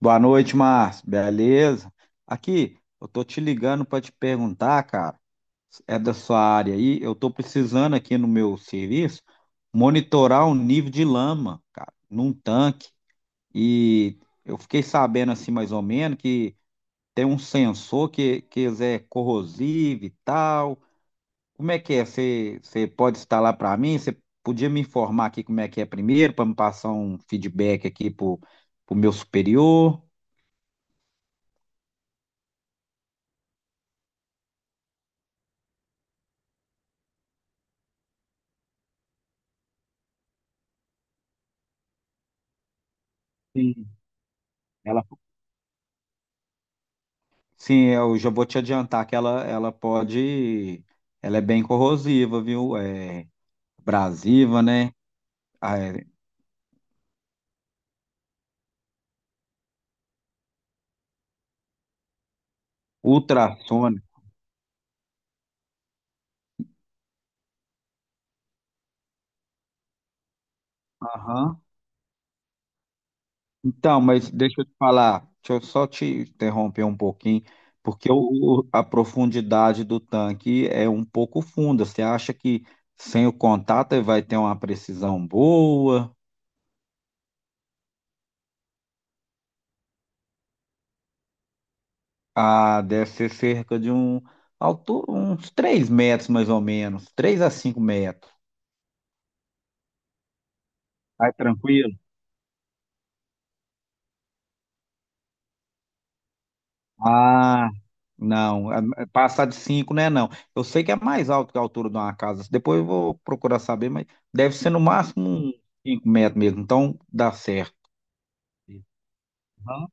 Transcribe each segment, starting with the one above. Boa noite, Márcio. Beleza? Aqui, eu tô te ligando para te perguntar, cara. É da sua área aí? Eu tô precisando aqui no meu serviço monitorar o nível de lama, cara, num tanque. E eu fiquei sabendo assim mais ou menos que tem um sensor que é corrosivo e tal. Como é que é? Você pode instalar para mim? Você podia me informar aqui como é que é primeiro para me passar um feedback aqui pro meu superior? Sim. Sim, eu já vou te adiantar que ela pode, ela é bem corrosiva, viu? É abrasiva, né? Ah, é, ultrassônica. Aham. Então, mas deixa eu te falar, deixa eu só te interromper um pouquinho, porque a profundidade do tanque é um pouco funda. Você acha que sem o contato ele vai ter uma precisão boa? Ah, deve ser cerca de um, altura, uns 3 metros mais ou menos, 3 a 5 metros. Vai tranquilo? Ah, não. Passar de 5, né? Não. Eu sei que é mais alto que a altura de uma casa. Depois eu vou procurar saber, mas deve ser no máximo uns 5 metros mesmo. Então dá certo. Aham.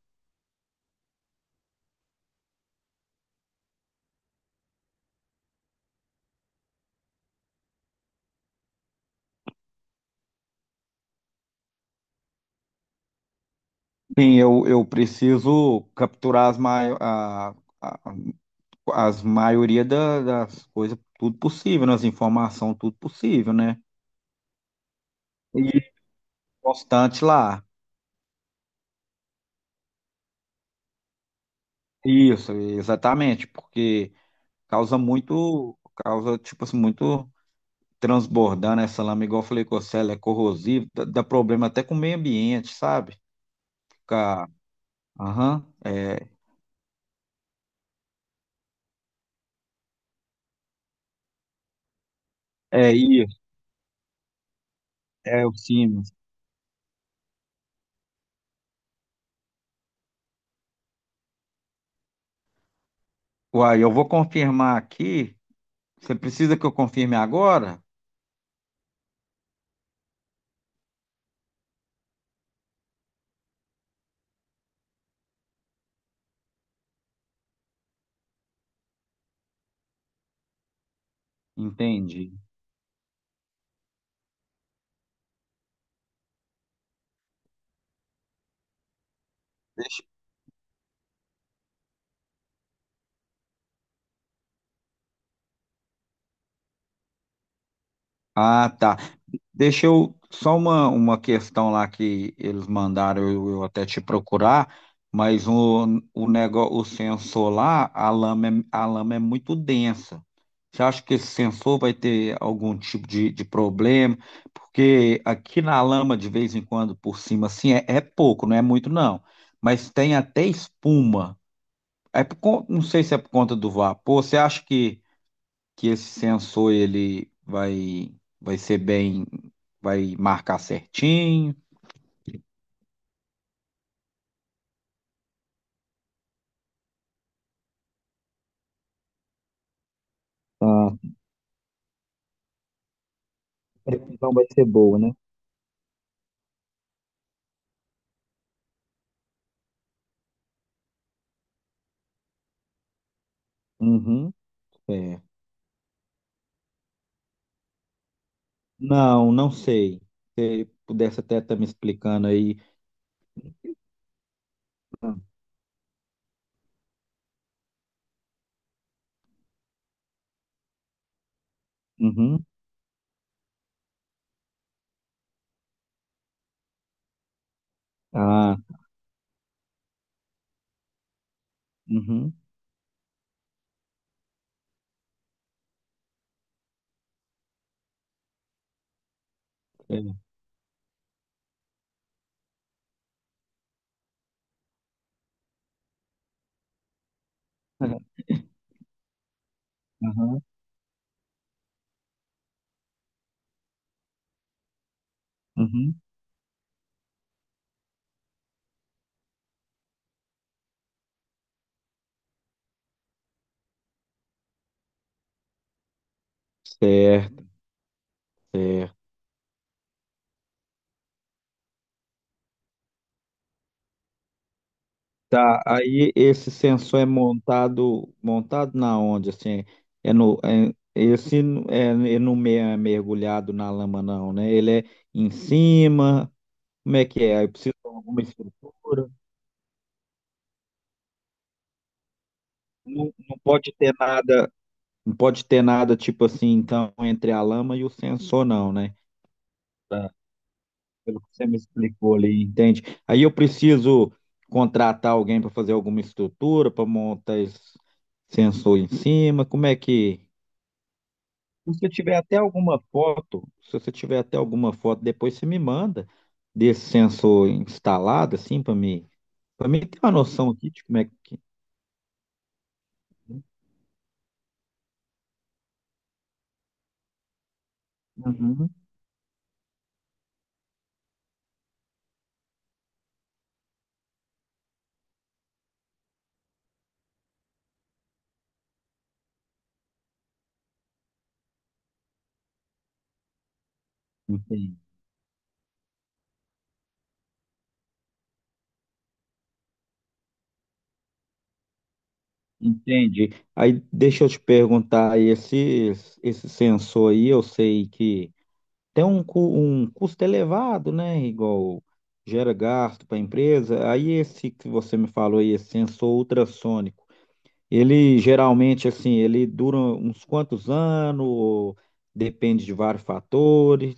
Sim, eu preciso capturar a- as maioria das coisas, tudo possível, né? As informações, tudo possível, né? E constante lá. Isso, exatamente, porque causa muito, causa, tipo assim, muito. Transbordando essa lama, igual eu falei com você, ela é corrosiva, dá problema até com o meio ambiente, sabe? Fica, aham, é, é isso, é o Siemens. Uai, eu vou confirmar aqui. Você precisa que eu confirme agora? Entendi. Deixa- ah, tá. Deixa eu só uma questão lá que eles mandaram eu até te procurar, mas o negócio, o sensor lá, a lama é muito densa. Você acha que esse sensor vai ter algum tipo de problema? Porque aqui na lama, de vez em quando, por cima, assim, é pouco, não é muito, não. Mas tem até espuma. É não sei se é por conta do vapor. Você acha que esse sensor ele vai ser bem, vai marcar certinho. A precisão vai ser boa, né? Uhum, é. Não, não sei. Se pudesse até estar me explicando aí. Uhum. Ah, uhum. É. Uhum. Uhum. Certo. Certo. Tá, aí esse sensor é montado, montado na onde, assim, é no, é- esse n- é, ele não me- é mergulhado na lama não, né? Ele é em cima, como é que é? Aí precisa de alguma estrutura, não, não pode ter nada, não pode ter nada tipo assim, então, entre a lama e o sensor não, né? Tá. Pelo que você me explicou ali, entende? Aí eu preciso contratar alguém para fazer alguma estrutura, para montar esse sensor em cima, como é que. Se você tiver até alguma foto, se você tiver até alguma foto, depois você me manda desse sensor instalado, assim, para mim ter uma noção aqui de como é que. Uhum. Entendi. Entendi. Aí deixa eu te perguntar, esse sensor aí, eu sei que tem um, um custo elevado, né? Igual gera gasto para a empresa. Aí esse que você me falou aí, esse sensor ultrassônico. Ele geralmente, assim, ele dura uns quantos anos, depende de vários fatores.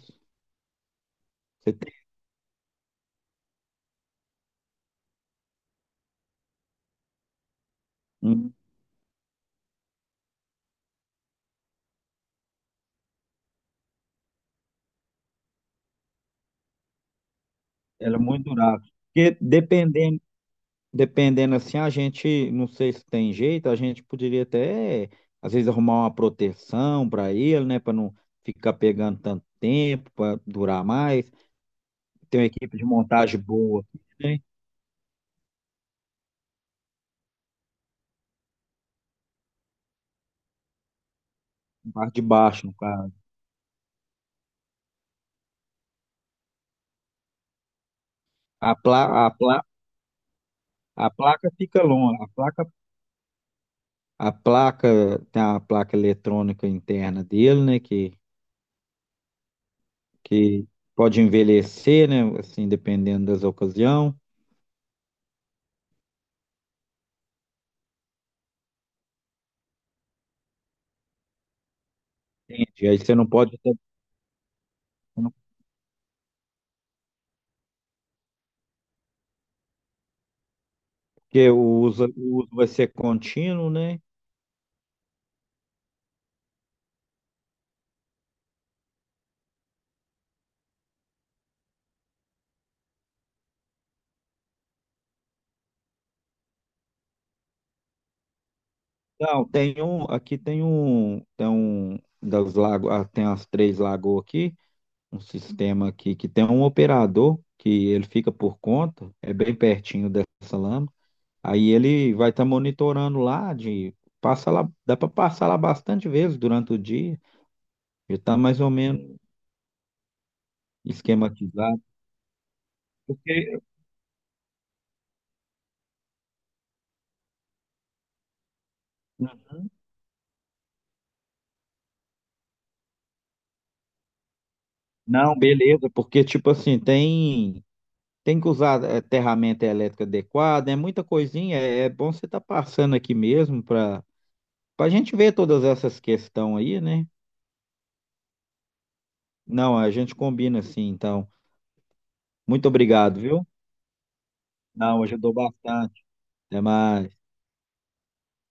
Você tem, hum, ela é muito durável. Porque dependendo, dependendo assim, a gente, não sei se tem jeito, a gente poderia até, às vezes, arrumar uma proteção para ele, né, para não ficar pegando tanto tempo, para durar mais. Tem uma equipe de montagem boa, né? Parte de baixo, no caso. A pla, a pla, a placa fica longa, a placa tem a placa eletrônica interna dele, né? Que pode envelhecer, né? Assim, dependendo das ocasiões. Entendi. Aí você não pode ter, porque o uso vai ser contínuo, né? Não, tem um, aqui tem um das lago, ah, tem as três lagoas aqui, um sistema aqui que tem um operador que ele fica por conta, é bem pertinho dessa lama. Aí ele vai estar monitorando lá de passa lá, dá para passar lá bastante vezes durante o dia, já está mais ou menos esquematizado. Porque não, beleza, porque tipo assim, tem tem que usar ferramenta elétrica adequada, é muita coisinha, é, é bom você estar passando aqui mesmo para para a gente ver todas essas questões aí, né? Não, a gente combina assim, então. Muito obrigado, viu? Não, ajudou bastante. Até mais.